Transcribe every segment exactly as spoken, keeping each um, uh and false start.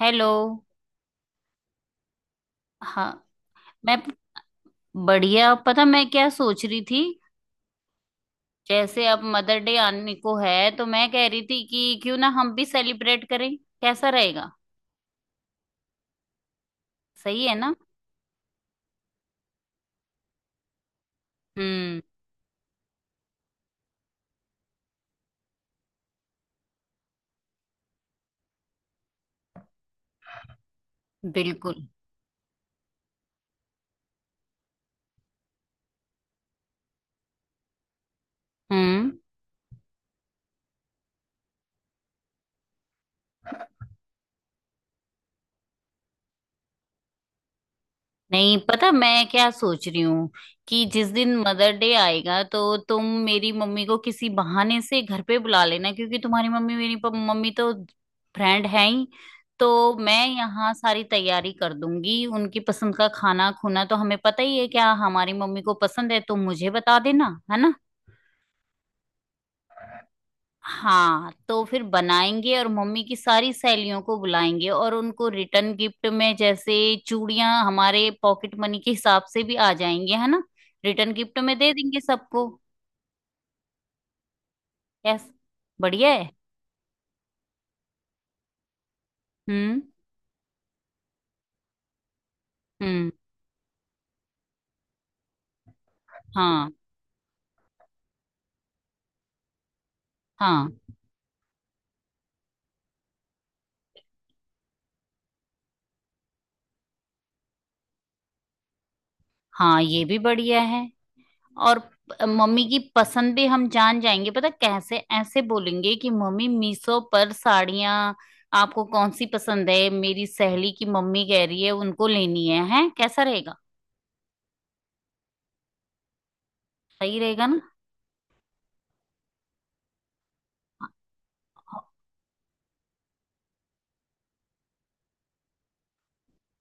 Hello. हाँ मैं बढ़िया। पता मैं क्या सोच रही थी? जैसे अब मदर डे आने को है तो मैं कह रही थी कि क्यों ना हम भी सेलिब्रेट करें। कैसा रहेगा? सही है ना? हम्म। बिल्कुल। हम्म। नहीं, पता मैं क्या सोच रही हूँ कि जिस दिन मदर डे आएगा तो तुम मेरी मम्मी को किसी बहाने से घर पे बुला लेना, क्योंकि तुम्हारी मम्मी मेरी प- मम्मी तो फ्रेंड है ही। तो मैं यहाँ सारी तैयारी कर दूंगी। उनकी पसंद का खाना खुना तो हमें पता ही है। क्या हमारी मम्मी को पसंद है तुम मुझे बता देना, है ना? हाँ, तो फिर बनाएंगे और मम्मी की सारी सहेलियों को बुलाएंगे और उनको रिटर्न गिफ्ट में जैसे चूड़ियां हमारे पॉकेट मनी के हिसाब से भी आ जाएंगे, है ना? रिटर्न गिफ्ट में दे देंगे सबको। यस। बढ़िया है। हम्म। हम्म। हाँ हाँ हाँ, ये भी बढ़िया है। और प- मम्मी की पसंद भी हम जान जाएंगे। पता कैसे? ऐसे बोलेंगे कि मम्मी मीशो पर साड़ियां आपको कौन सी पसंद है, मेरी सहेली की मम्मी कह रही है उनको लेनी है। हैं, कैसा रहेगा? सही रहेगा ना?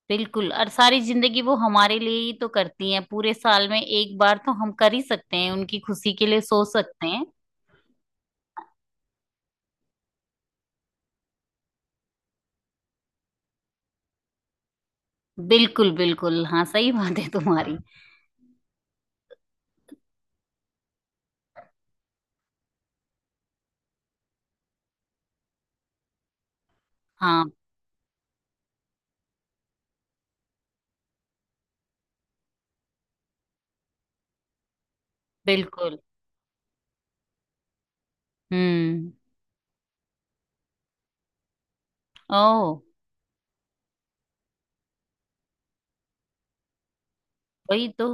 बिल्कुल। और सारी जिंदगी वो हमारे लिए ही तो करती हैं, पूरे साल में एक बार तो हम कर ही सकते हैं उनकी खुशी के लिए, सो सकते हैं। बिल्कुल बिल्कुल, हाँ सही बात है तुम्हारी। हाँ। बिल्कुल। हम्म। ओ। वही तो।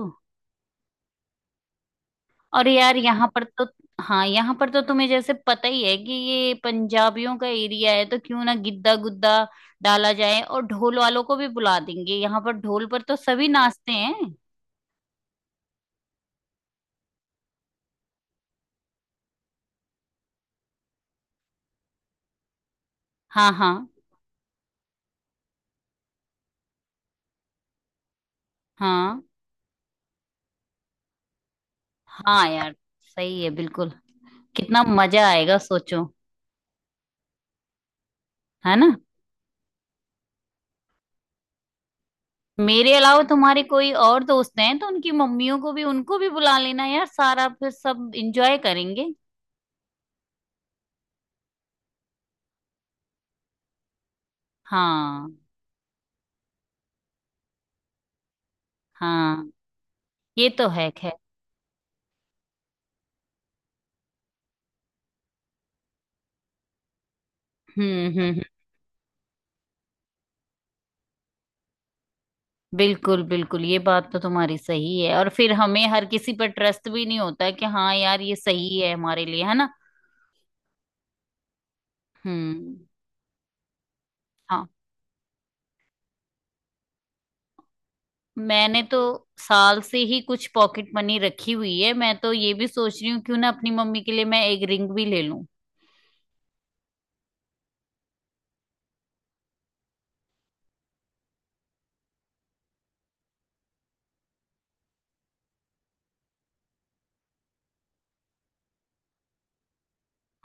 और यार यहाँ पर तो। हाँ, यहाँ पर तो तुम्हें जैसे पता ही है कि ये पंजाबियों का एरिया है, तो क्यों ना गिद्दा गुद्दा डाला जाए और ढोल वालों को भी बुला देंगे। यहाँ पर ढोल पर तो सभी नाचते हैं। हाँ हाँ हाँ। हाँ यार, सही है बिल्कुल। कितना मजा आएगा, सोचो। है ना? मेरे अलावा तुम्हारे कोई और दोस्त हैं तो उनकी मम्मियों को भी, उनको भी बुला लेना यार, सारा फिर सब एंजॉय करेंगे। हाँ। हाँ, ये तो है खैर। हम्म हम्म हम्म, बिल्कुल बिल्कुल, ये बात तो तुम्हारी सही है। और फिर हमें हर किसी पर ट्रस्ट भी नहीं होता कि हाँ यार ये सही है हमारे लिए, है ना? हम्म। हाँ। मैंने तो साल से ही कुछ पॉकेट मनी रखी हुई है। मैं तो ये भी सोच रही हूँ क्यों ना अपनी मम्मी के लिए मैं एक रिंग भी ले लूं।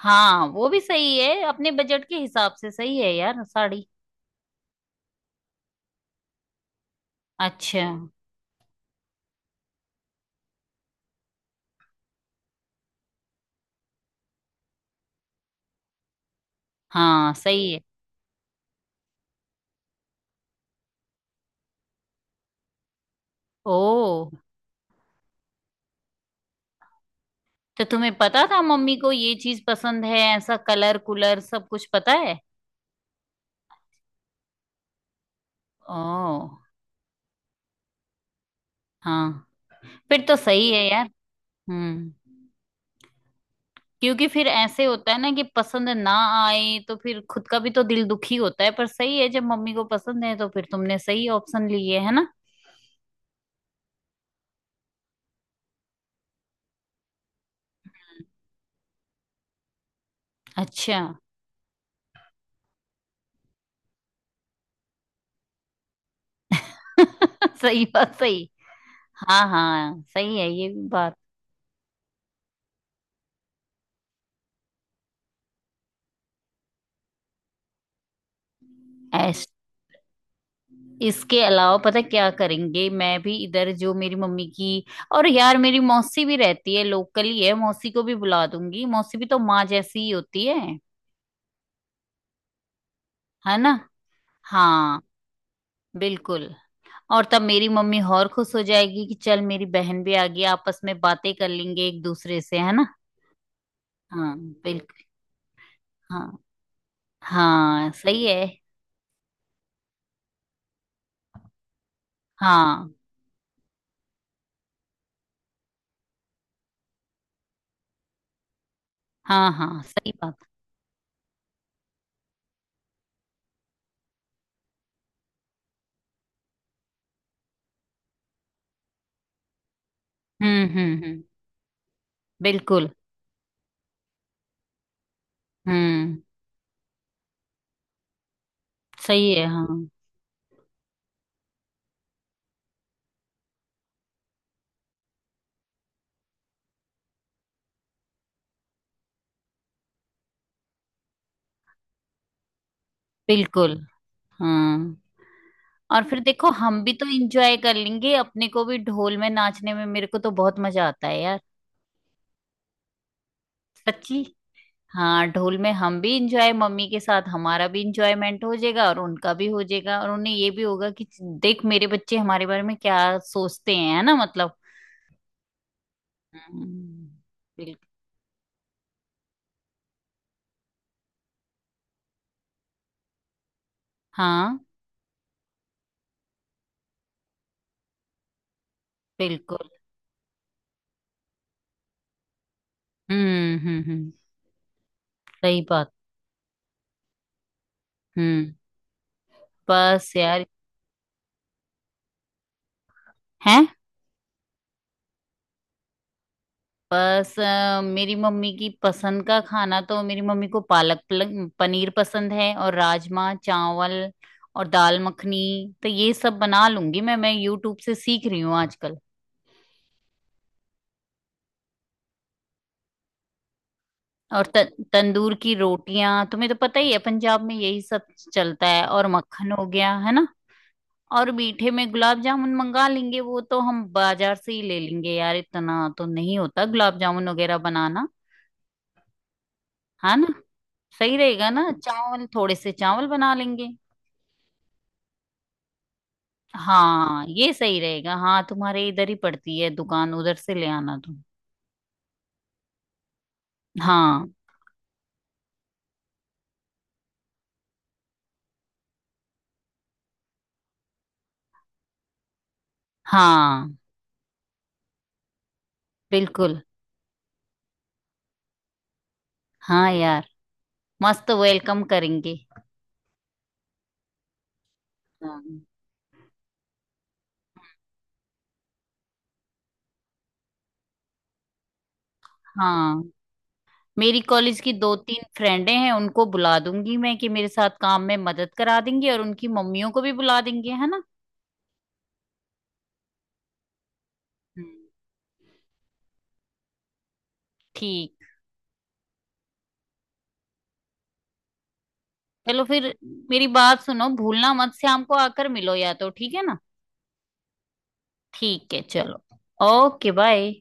हाँ, वो भी सही है, अपने बजट के हिसाब से सही है यार साड़ी। अच्छा। हाँ सही है। ओ। तो तुम्हें पता था मम्मी को ये चीज पसंद है? ऐसा कलर कुलर सब कुछ पता है? ओ। हाँ। फिर तो सही है यार। हम्म। क्योंकि फिर ऐसे होता है ना कि पसंद ना आए तो फिर खुद का भी तो दिल दुखी होता है। पर सही है, जब मम्मी को पसंद है तो फिर तुमने सही ऑप्शन लिए, है ना? अच्छा। सही बात, सही। हाँ हाँ, सही है ये भी बात। ऐस इसके अलावा पता है क्या करेंगे? मैं भी इधर जो मेरी मम्मी की, और यार मेरी मौसी भी रहती है लोकल ही, है मौसी को भी बुला दूंगी, मौसी भी तो माँ जैसी ही होती है। है ना? हाँ। बिल्कुल। और तब मेरी मम्मी और खुश हो जाएगी कि चल मेरी बहन भी आ गई, आपस में बातें कर लेंगे एक दूसरे से, है ना? हाँ। बिल्कुल। हाँ। हाँ सही है। हाँ हाँ, हाँ सही बात। हम्म हम्म हम्म। बिल्कुल। हम्म। सही है। हाँ। बिल्कुल। हाँ और फिर देखो हम भी तो इंजॉय कर लेंगे, अपने को भी ढोल में नाचने में मेरे को तो बहुत मजा आता है यार। सच्ची। हाँ, ढोल में हम भी इंजॉय मम्मी के साथ, हमारा भी इंजॉयमेंट हो जाएगा और उनका भी हो जाएगा और उन्हें ये भी होगा कि देख मेरे बच्चे हमारे बारे में क्या सोचते हैं, है ना, मतलब। हम्म, बिल्कुल। हाँ। बिल्कुल। हम्म हम्म हम्म, सही बात। हम्म। बस यार। है। बस अ, मेरी मम्मी की पसंद का खाना, तो मेरी मम्मी को पालक पल- पनीर पसंद है और राजमा चावल और दाल मखनी। तो ये सब बना लूंगी मैं मैं यूट्यूब से सीख रही हूँ आजकल। और त, तंदूर की रोटियां, तुम्हें तो पता ही है पंजाब में यही सब चलता है, और मक्खन हो गया, है ना? और मीठे में गुलाब जामुन मंगा लेंगे, वो तो हम बाजार से ही ले लेंगे यार, इतना तो नहीं होता गुलाब जामुन वगैरह बनाना, है ना? सही रहेगा ना? चावल थोड़े से चावल बना लेंगे। हाँ, ये सही रहेगा। हाँ तुम्हारे इधर ही पड़ती है दुकान, उधर से ले आना तुम। हाँ। हाँ बिल्कुल। हाँ यार, मस्त वेलकम करेंगे। हाँ। हाँ। मेरी कॉलेज की दो तीन फ्रेंडें हैं उनको बुला दूंगी मैं कि मेरे साथ काम में मदद करा देंगी और उनकी मम्मियों को भी बुला देंगे, है ना? हम्म। ठीक। चलो फिर, मेरी बात सुनो, भूलना मत, शाम को आकर मिलो या तो, ठीक है ना? ठीक है, चलो। Okay, bye.